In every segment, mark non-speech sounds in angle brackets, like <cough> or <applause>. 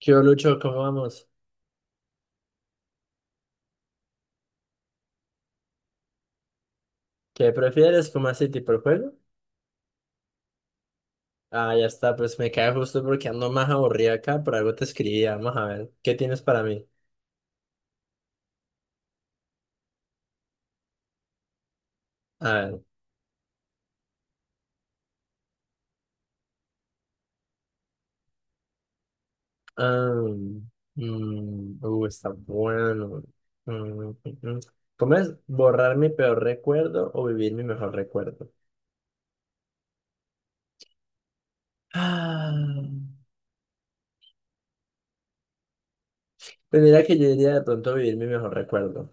¿Qué hubo, Lucho? ¿Cómo vamos? ¿Qué prefieres? ¿Cómo así tipo el juego? Ah, ya está, pues me cae justo porque ando más aburrido acá, por algo te escribí, vamos a ver, ¿qué tienes para mí? A ver, am, está bueno. Mm, mm, mm. ¿Cómo es borrar mi peor recuerdo o vivir mi mejor recuerdo? Ah, pues mira que yo diría de pronto vivir mi mejor recuerdo.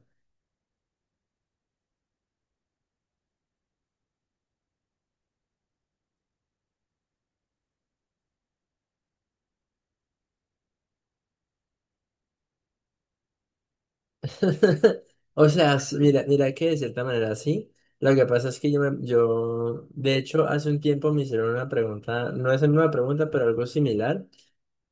<laughs> O sea, mira, mira que de cierta manera sí. Lo que pasa es que yo, de hecho, hace un tiempo me hicieron una pregunta, no es la misma pregunta, pero algo similar.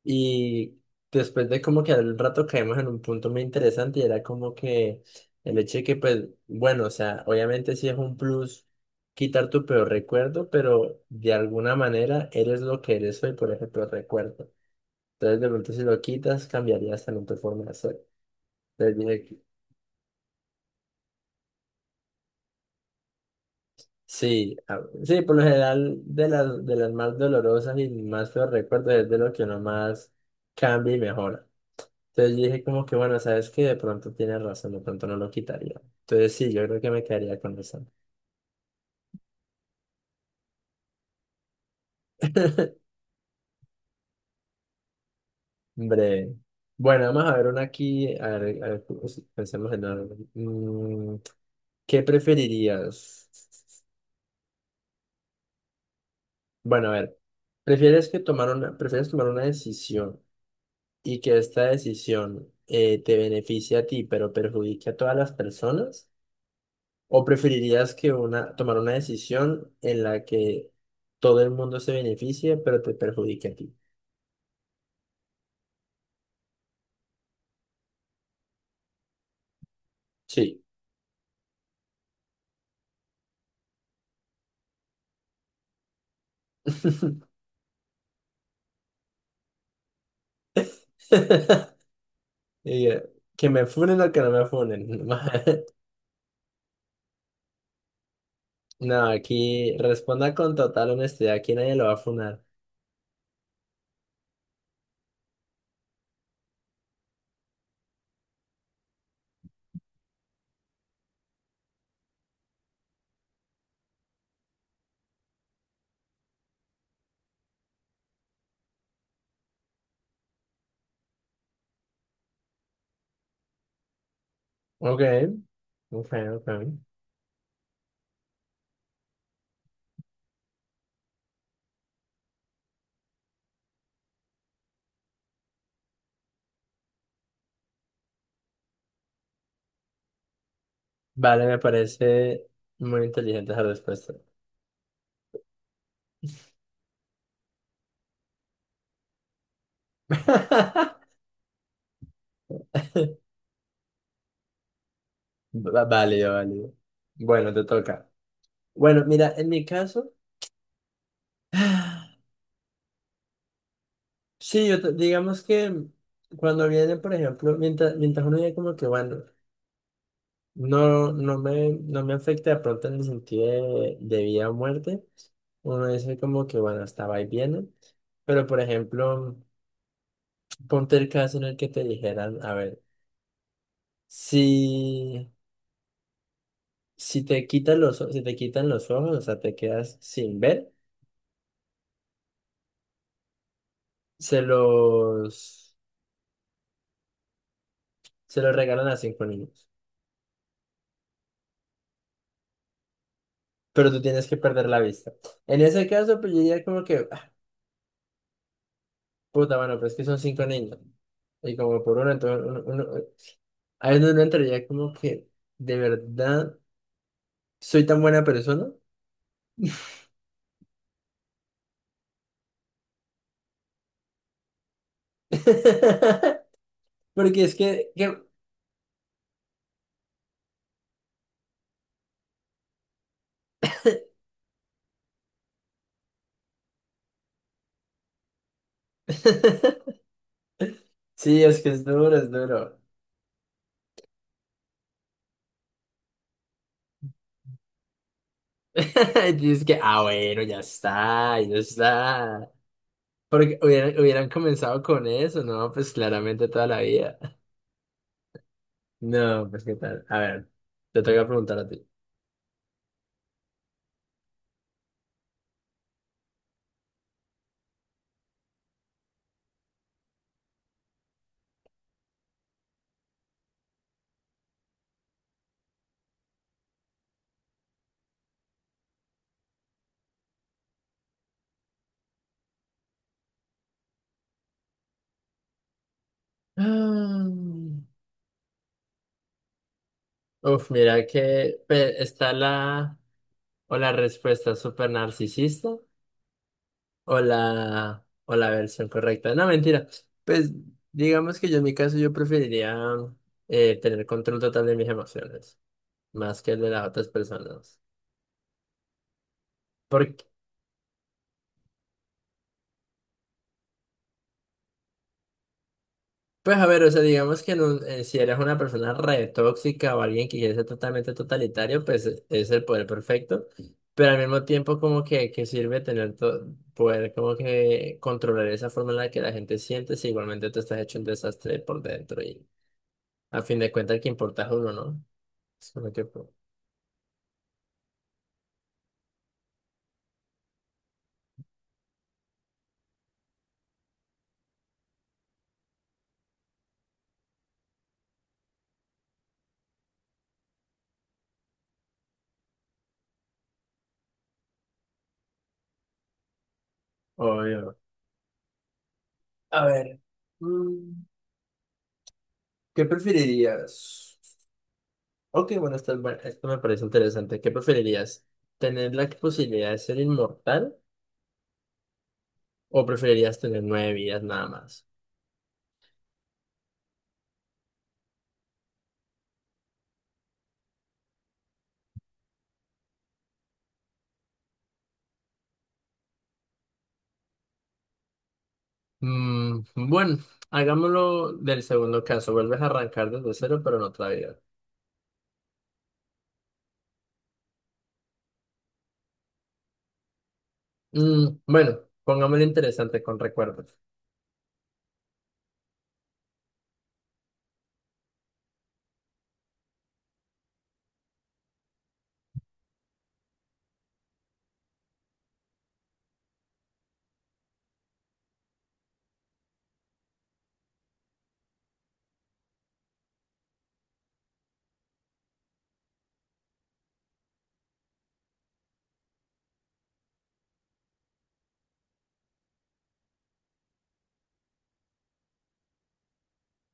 Y después de como que al rato caímos en un punto muy interesante y era como que el hecho de que, pues, bueno, o sea, obviamente sí es un plus quitar tu peor recuerdo, pero de alguna manera eres lo que eres hoy por ese peor recuerdo. Entonces, de pronto, si lo quitas, cambiarías también tu forma de ser. Sí, sí, por lo general de las más dolorosas y más feos recuerdos es de lo que uno más cambia y mejora. Entonces yo dije como que bueno, sabes que de pronto tienes razón, de pronto no lo quitaría. Entonces sí, yo creo que me quedaría con eso. <laughs> Breve. Bueno, vamos a ver una aquí, a ver, pues, pensemos en algo. ¿Qué preferirías? Bueno, a ver, ¿Prefieres tomar una decisión, y que esta decisión te beneficie a ti, pero perjudique a todas las personas? ¿O preferirías tomar una decisión en la que todo el mundo se beneficie, pero te perjudique a ti? Sí. <laughs> Y, que me funen o que no me funen. <laughs> No, aquí responda con total honestidad. Aquí nadie lo va a funar. Ok, ok, ok. Vale, me parece muy inteligente esa respuesta. <laughs> Válido, válido. Bueno, te toca. Bueno, mira, en mi caso, <sighs> sí, digamos que cuando viene, por ejemplo, mientras uno dice como que, bueno, no me afecta de pronto en el sentido de vida o muerte, uno dice como que, bueno, hasta va y viene. Pero, por ejemplo, ponte el caso en el que te dijeran, a ver, si, si te quitan los, o- si te quitan los ojos, o sea, te quedas sin ver, se los... Se lo regalan a cinco niños. Pero tú tienes que perder la vista. En ese caso, pues yo diría como que, ah, puta, bueno, pero es que son cinco niños. Y como por uno, entonces ahí es donde uno entraría como que, de verdad, soy tan buena persona. <laughs> Porque es que. <laughs> Sí, es que es duro, es duro. <laughs> Y dices que, ah, bueno, ya está, ya está. Porque hubieran comenzado con eso, ¿no? Pues claramente toda la vida. No, pues qué tal. A ver, te tengo que preguntar a ti. Ah, uf, mira que está la respuesta súper narcisista o la versión correcta. No, mentira. Pues digamos que yo en mi caso yo preferiría tener control total de mis emociones, más que el de las otras personas. Pues a ver, o sea, digamos que si eres una persona re tóxica o alguien que quiere ser totalmente totalitario, pues es el poder perfecto, pero al mismo tiempo como que, sirve poder como que controlar esa forma en la que la gente siente si igualmente te estás hecho un desastre por dentro y a fin de cuentas el que importa es uno, ¿no? Es como que, pues, obvio. A ver, mm, ¿qué preferirías? Ok, bueno, esto me parece interesante. ¿Qué preferirías? ¿Tener la posibilidad de ser inmortal? ¿O preferirías tener nueve vidas nada más? Bueno, hagámoslo del segundo caso. Vuelves a arrancar desde cero, pero en otra vida. Bueno, pongámoslo interesante con recuerdos.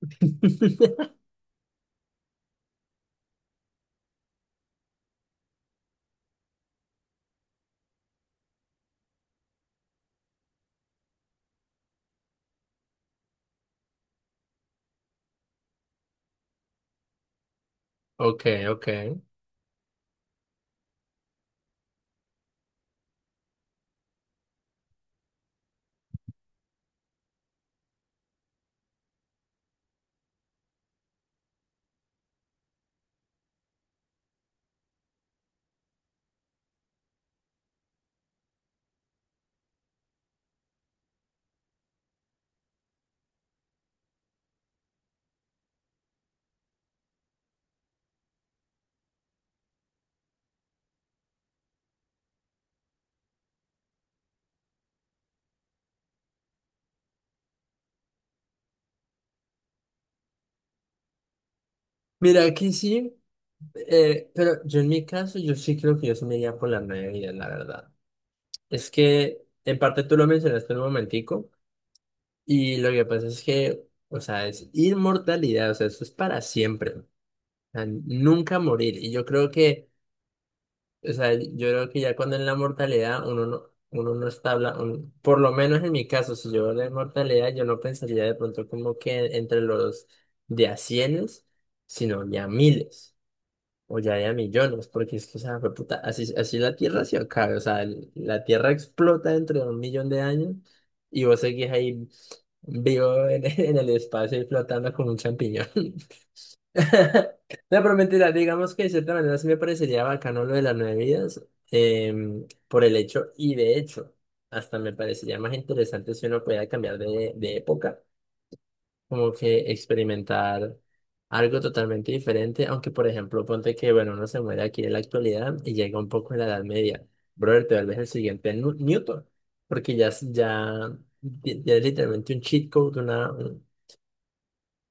<laughs> Ok, ok. Mira, aquí sí, pero yo en mi caso, yo sí creo que yo sí me iría por las nueve vidas, la verdad. Es que, en parte tú lo mencionaste un momentico, y lo que pasa es que, o sea, es inmortalidad, o sea, eso es para siempre. O sea, nunca morir. Y yo creo que O sea, yo creo que ya cuando en la mortalidad uno no está hablando, por lo menos en mi caso, si yo hablo de mortalidad, yo no pensaría de pronto como que entre los de a cienes, sino ya miles o ya de a millones, porque es que, o sea, fue puta, así, así la Tierra se acaba, o sea, la Tierra explota dentro de un millón de años y vos seguís ahí vivo en, <laughs> en el espacio y flotando como un champiñón. <laughs> No, pero mentira, digamos que de cierta manera sí me parecería bacano lo de las nueve vidas, por el hecho, y de hecho, hasta me parecería más interesante si uno pudiera cambiar de época, como que experimentar algo totalmente diferente, aunque por ejemplo, ponte que, bueno, uno se muere aquí en la actualidad y llega un poco en la Edad Media, brother, te vuelves el siguiente Newton, porque ya es literalmente un cheat code, una,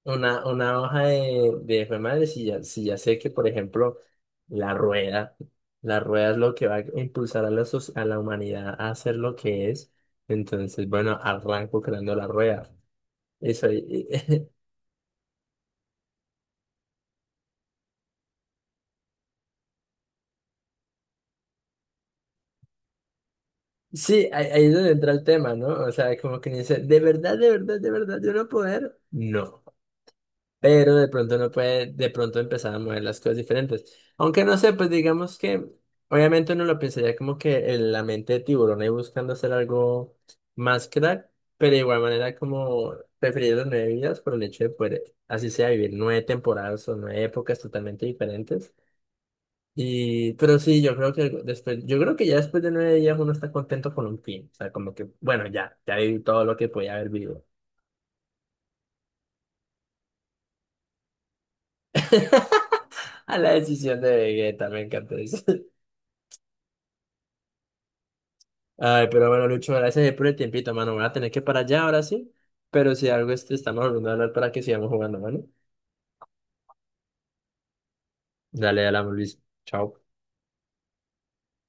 una, una hoja de jue madre, si ya, sé que, por ejemplo, la rueda, la rueda es lo que va a impulsar a la humanidad a hacer lo que es, entonces, bueno, arranco creando la rueda. Eso. <laughs> Sí, ahí es donde entra el tema, ¿no? O sea, como que dice, ¿de verdad, de verdad, de verdad yo no poder? No, pero de pronto no puede de pronto empezar a mover las cosas diferentes. Aunque no sé, pues digamos que obviamente uno lo pensaría como que en la mente de tiburón ahí buscando hacer algo más crack, pero de igual manera como preferir las nueve vidas por el hecho de poder, así sea, vivir nueve temporadas o nueve épocas totalmente diferentes. Y, pero sí, yo creo que ya después de 9 días uno está contento con un fin. O sea, como que, bueno, ya viví todo lo que podía haber vivido. <laughs> A la decisión de Vegeta, me encanta eso. Ay, pero bueno, Lucho, gracias por el tiempito, mano. Voy a tener que parar ya ahora sí. Pero si algo estamos volviendo a hablar para que sigamos jugando, mano. Dale, dale, Luis. Chao.